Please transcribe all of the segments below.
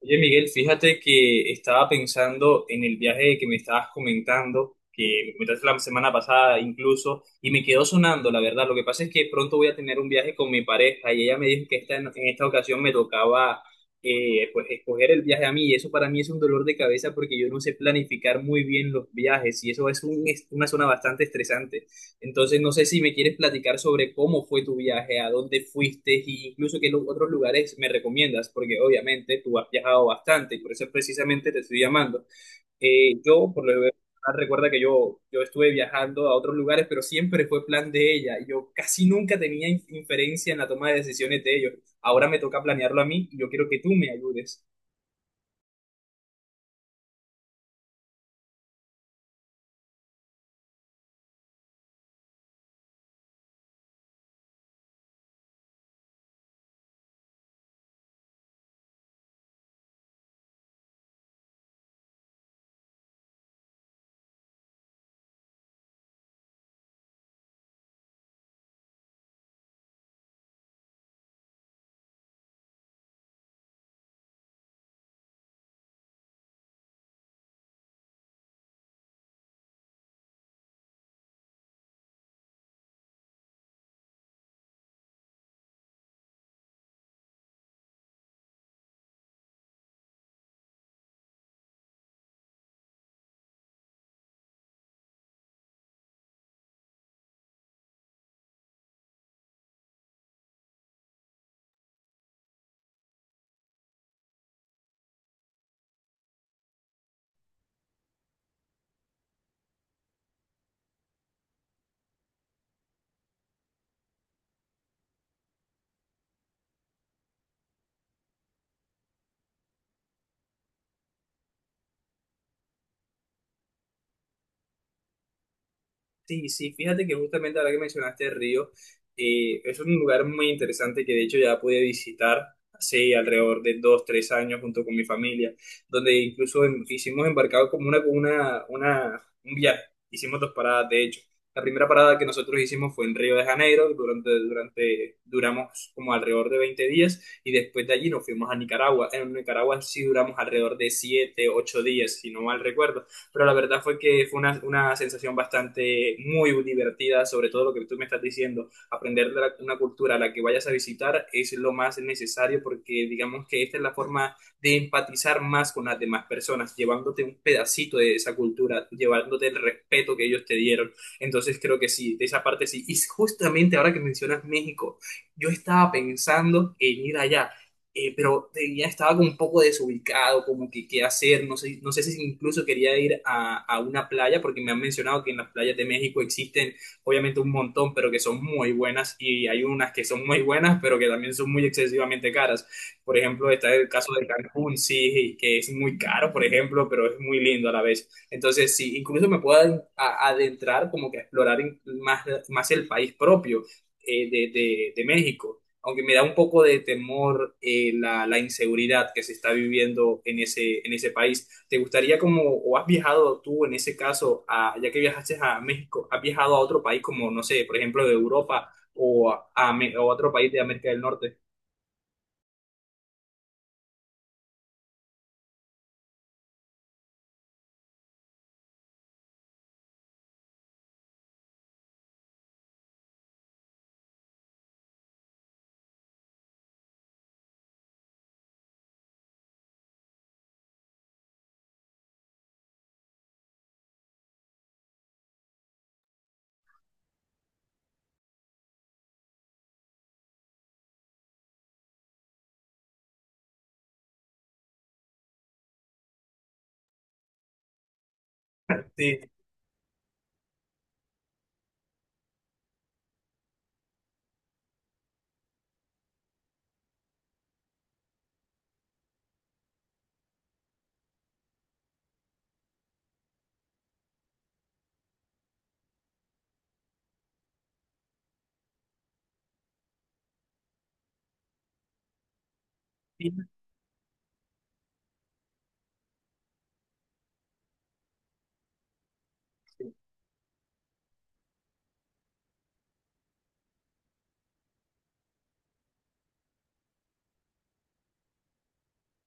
Oye, Miguel, fíjate que estaba pensando en el viaje que me estabas comentando, que me comentaste la semana pasada incluso, y me quedó sonando, la verdad. Lo que pasa es que pronto voy a tener un viaje con mi pareja y ella me dijo que esta, en esta ocasión me tocaba pues escoger el viaje a mí, y eso para mí es un dolor de cabeza porque yo no sé planificar muy bien los viajes y eso es es una zona bastante estresante. Entonces, no sé si me quieres platicar sobre cómo fue tu viaje, a dónde fuiste e incluso otros lugares me recomiendas, porque obviamente tú has viajado bastante y por eso precisamente te estoy llamando. Yo, por lo que veo, recuerda que yo estuve viajando a otros lugares, pero siempre fue plan de ella. Yo casi nunca tenía inferencia en la toma de decisiones de ellos. Ahora me toca planearlo a mí y yo quiero que tú me ayudes. Sí, sí, fíjate que justamente ahora que mencionaste el río, es un lugar muy interesante que de hecho ya pude visitar hace alrededor de 2, 3 años junto con mi familia, donde incluso hicimos embarcado como un viaje, hicimos dos paradas de hecho. La primera parada que nosotros hicimos fue en Río de Janeiro, duramos como alrededor de 20 días y después de allí nos fuimos a Nicaragua. En Nicaragua sí duramos alrededor de 7, 8 días, si no mal recuerdo, pero la verdad fue que fue una sensación bastante muy divertida, sobre todo lo que tú me estás diciendo. Aprender de una cultura a la que vayas a visitar es lo más necesario, porque digamos que esta es la forma de empatizar más con las demás personas, llevándote un pedacito de esa cultura, llevándote el respeto que ellos te dieron. Entonces creo que sí, de esa parte sí. Y justamente ahora que mencionas México, yo estaba pensando en ir allá, pero tenía, estaba como un poco desubicado, como que qué hacer, no sé, no sé si incluso quería ir a una playa, porque me han mencionado que en las playas de México existen obviamente un montón, pero que son muy buenas, y hay unas que son muy buenas, pero que también son muy excesivamente caras. Por ejemplo, está el caso de Cancún, sí, que es muy caro, por ejemplo, pero es muy lindo a la vez. Entonces, sí, incluso me puedo adentrar como que a explorar más, más el país propio de, de México, aunque me da un poco de temor la, la inseguridad que se está viviendo en ese país. ¿Te gustaría como, o has viajado tú en ese caso, ya que viajaste a México, has viajado a otro país como, no sé, por ejemplo, de Europa o a o a otro país de América del Norte? Sí.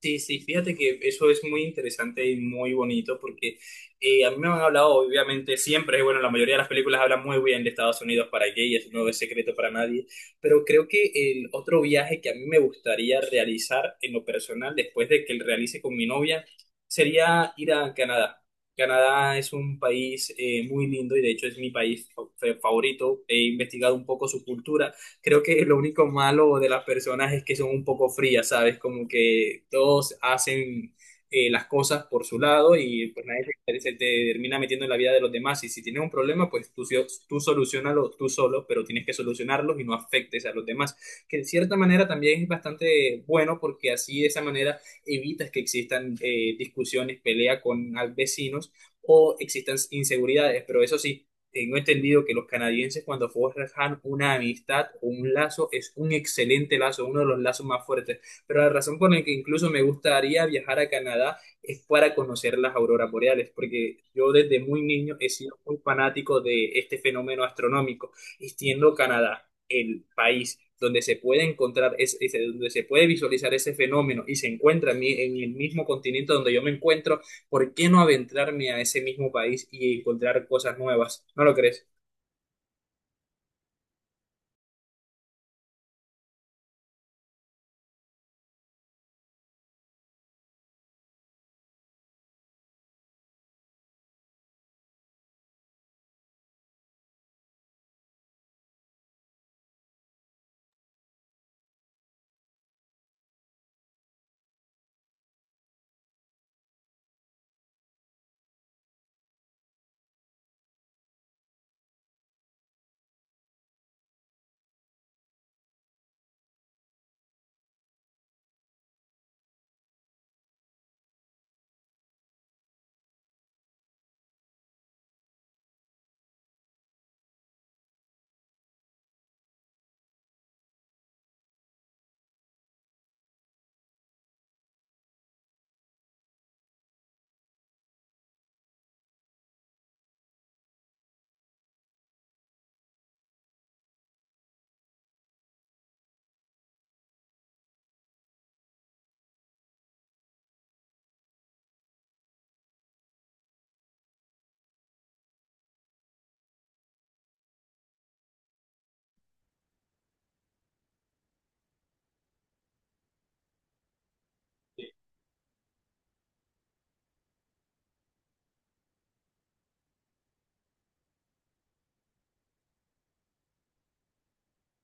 Sí, sí, fíjate que eso es muy interesante y muy bonito, porque a mí me han hablado, obviamente, siempre, bueno, la mayoría de las películas hablan muy bien de Estados Unidos para gay, eso no es secreto para nadie, pero creo que el otro viaje que a mí me gustaría realizar en lo personal, después de que lo realice con mi novia, sería ir a Canadá. Canadá es un país muy lindo, y de hecho es mi país favorito. He investigado un poco su cultura. Creo que lo único malo de las personas es que son un poco frías, ¿sabes? Como que todos hacen las cosas por su lado y pues nadie se te termina metiendo en la vida de los demás. Y si tienes un problema, pues tú, tú solucionalo tú solo, pero tienes que solucionarlos y no afectes a los demás. Que de cierta manera también es bastante bueno, porque así de esa manera evitas que existan discusiones, pelea con vecinos o existan inseguridades. Pero eso sí. Tengo entendido que los canadienses, cuando forjan una amistad o un lazo, es un excelente lazo, uno de los lazos más fuertes. Pero la razón por la que incluso me gustaría viajar a Canadá es para conocer las auroras boreales, porque yo desde muy niño he sido muy fanático de este fenómeno astronómico, y siendo Canadá el país donde se puede encontrar, donde se puede visualizar ese fenómeno, y se encuentra en en el mismo continente donde yo me encuentro, ¿por qué no adentrarme a ese mismo país y encontrar cosas nuevas? ¿No lo crees?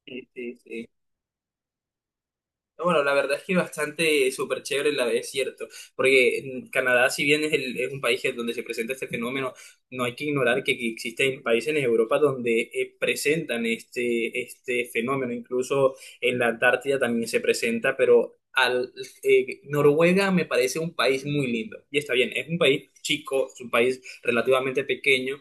Sí, sí, sí. No, bueno, la verdad es que bastante súper chévere, la es cierto, porque en Canadá, si bien es, es un país en donde se presenta este fenómeno, no hay que ignorar que existen países en Europa donde presentan este, este fenómeno. Incluso en la Antártida también se presenta, pero al, Noruega me parece un país muy lindo, y está bien, es un país chico, es un país relativamente pequeño,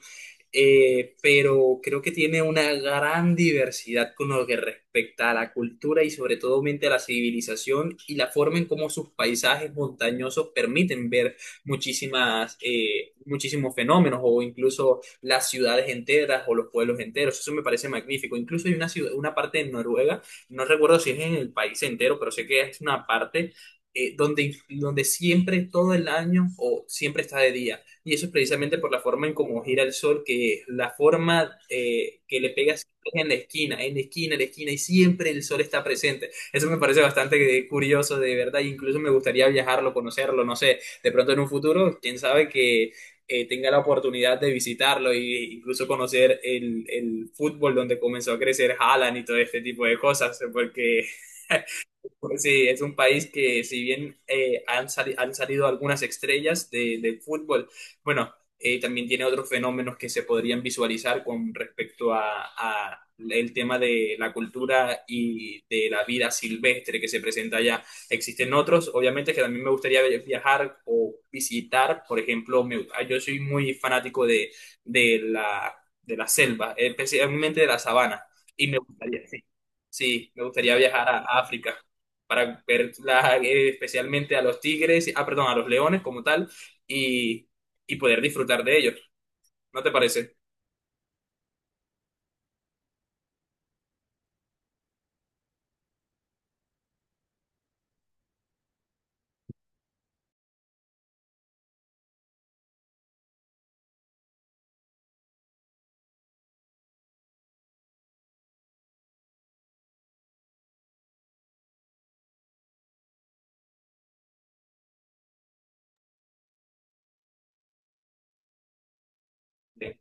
pero creo que tiene una gran diversidad con lo que respecta a la cultura, y sobre todo mente a la civilización y la forma en cómo sus paisajes montañosos permiten ver muchísimas, muchísimos fenómenos, o incluso las ciudades enteras o los pueblos enteros. Eso me parece magnífico. Incluso hay una ciudad, una parte en Noruega, no recuerdo si es en el país entero, pero sé que es una parte donde, donde siempre todo el año o siempre está de día. Y eso es precisamente por la forma en cómo gira el sol, que es la forma que le pegas en la esquina, y siempre el sol está presente. Eso me parece bastante curioso, de verdad. Incluso me gustaría viajarlo, conocerlo, no sé, de pronto en un futuro, quién sabe que tenga la oportunidad de visitarlo e incluso conocer el fútbol donde comenzó a crecer Haaland y todo este tipo de cosas, porque pues, sí, es un país que si bien han salido algunas estrellas del fútbol, bueno, también tiene otros fenómenos que se podrían visualizar con respecto a el tema de la cultura y de la vida silvestre que se presenta allá. Existen otros, obviamente, que también me gustaría viajar o visitar. Por ejemplo, yo soy muy fanático de la, de la selva, especialmente de la sabana, y me gustaría, sí, sí, me gustaría viajar a África para ver especialmente a los tigres, ah, perdón, a los leones como tal, y, y poder disfrutar de ellos. ¿No te parece? Bien.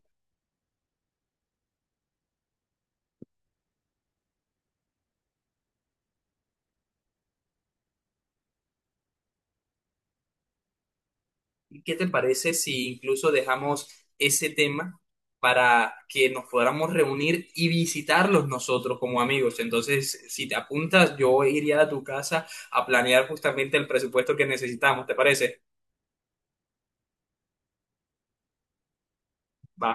¿Y qué te parece si incluso dejamos ese tema para que nos podamos reunir y visitarlos nosotros como amigos? Entonces, si te apuntas, yo iría a tu casa a planear justamente el presupuesto que necesitamos, ¿te parece? Va.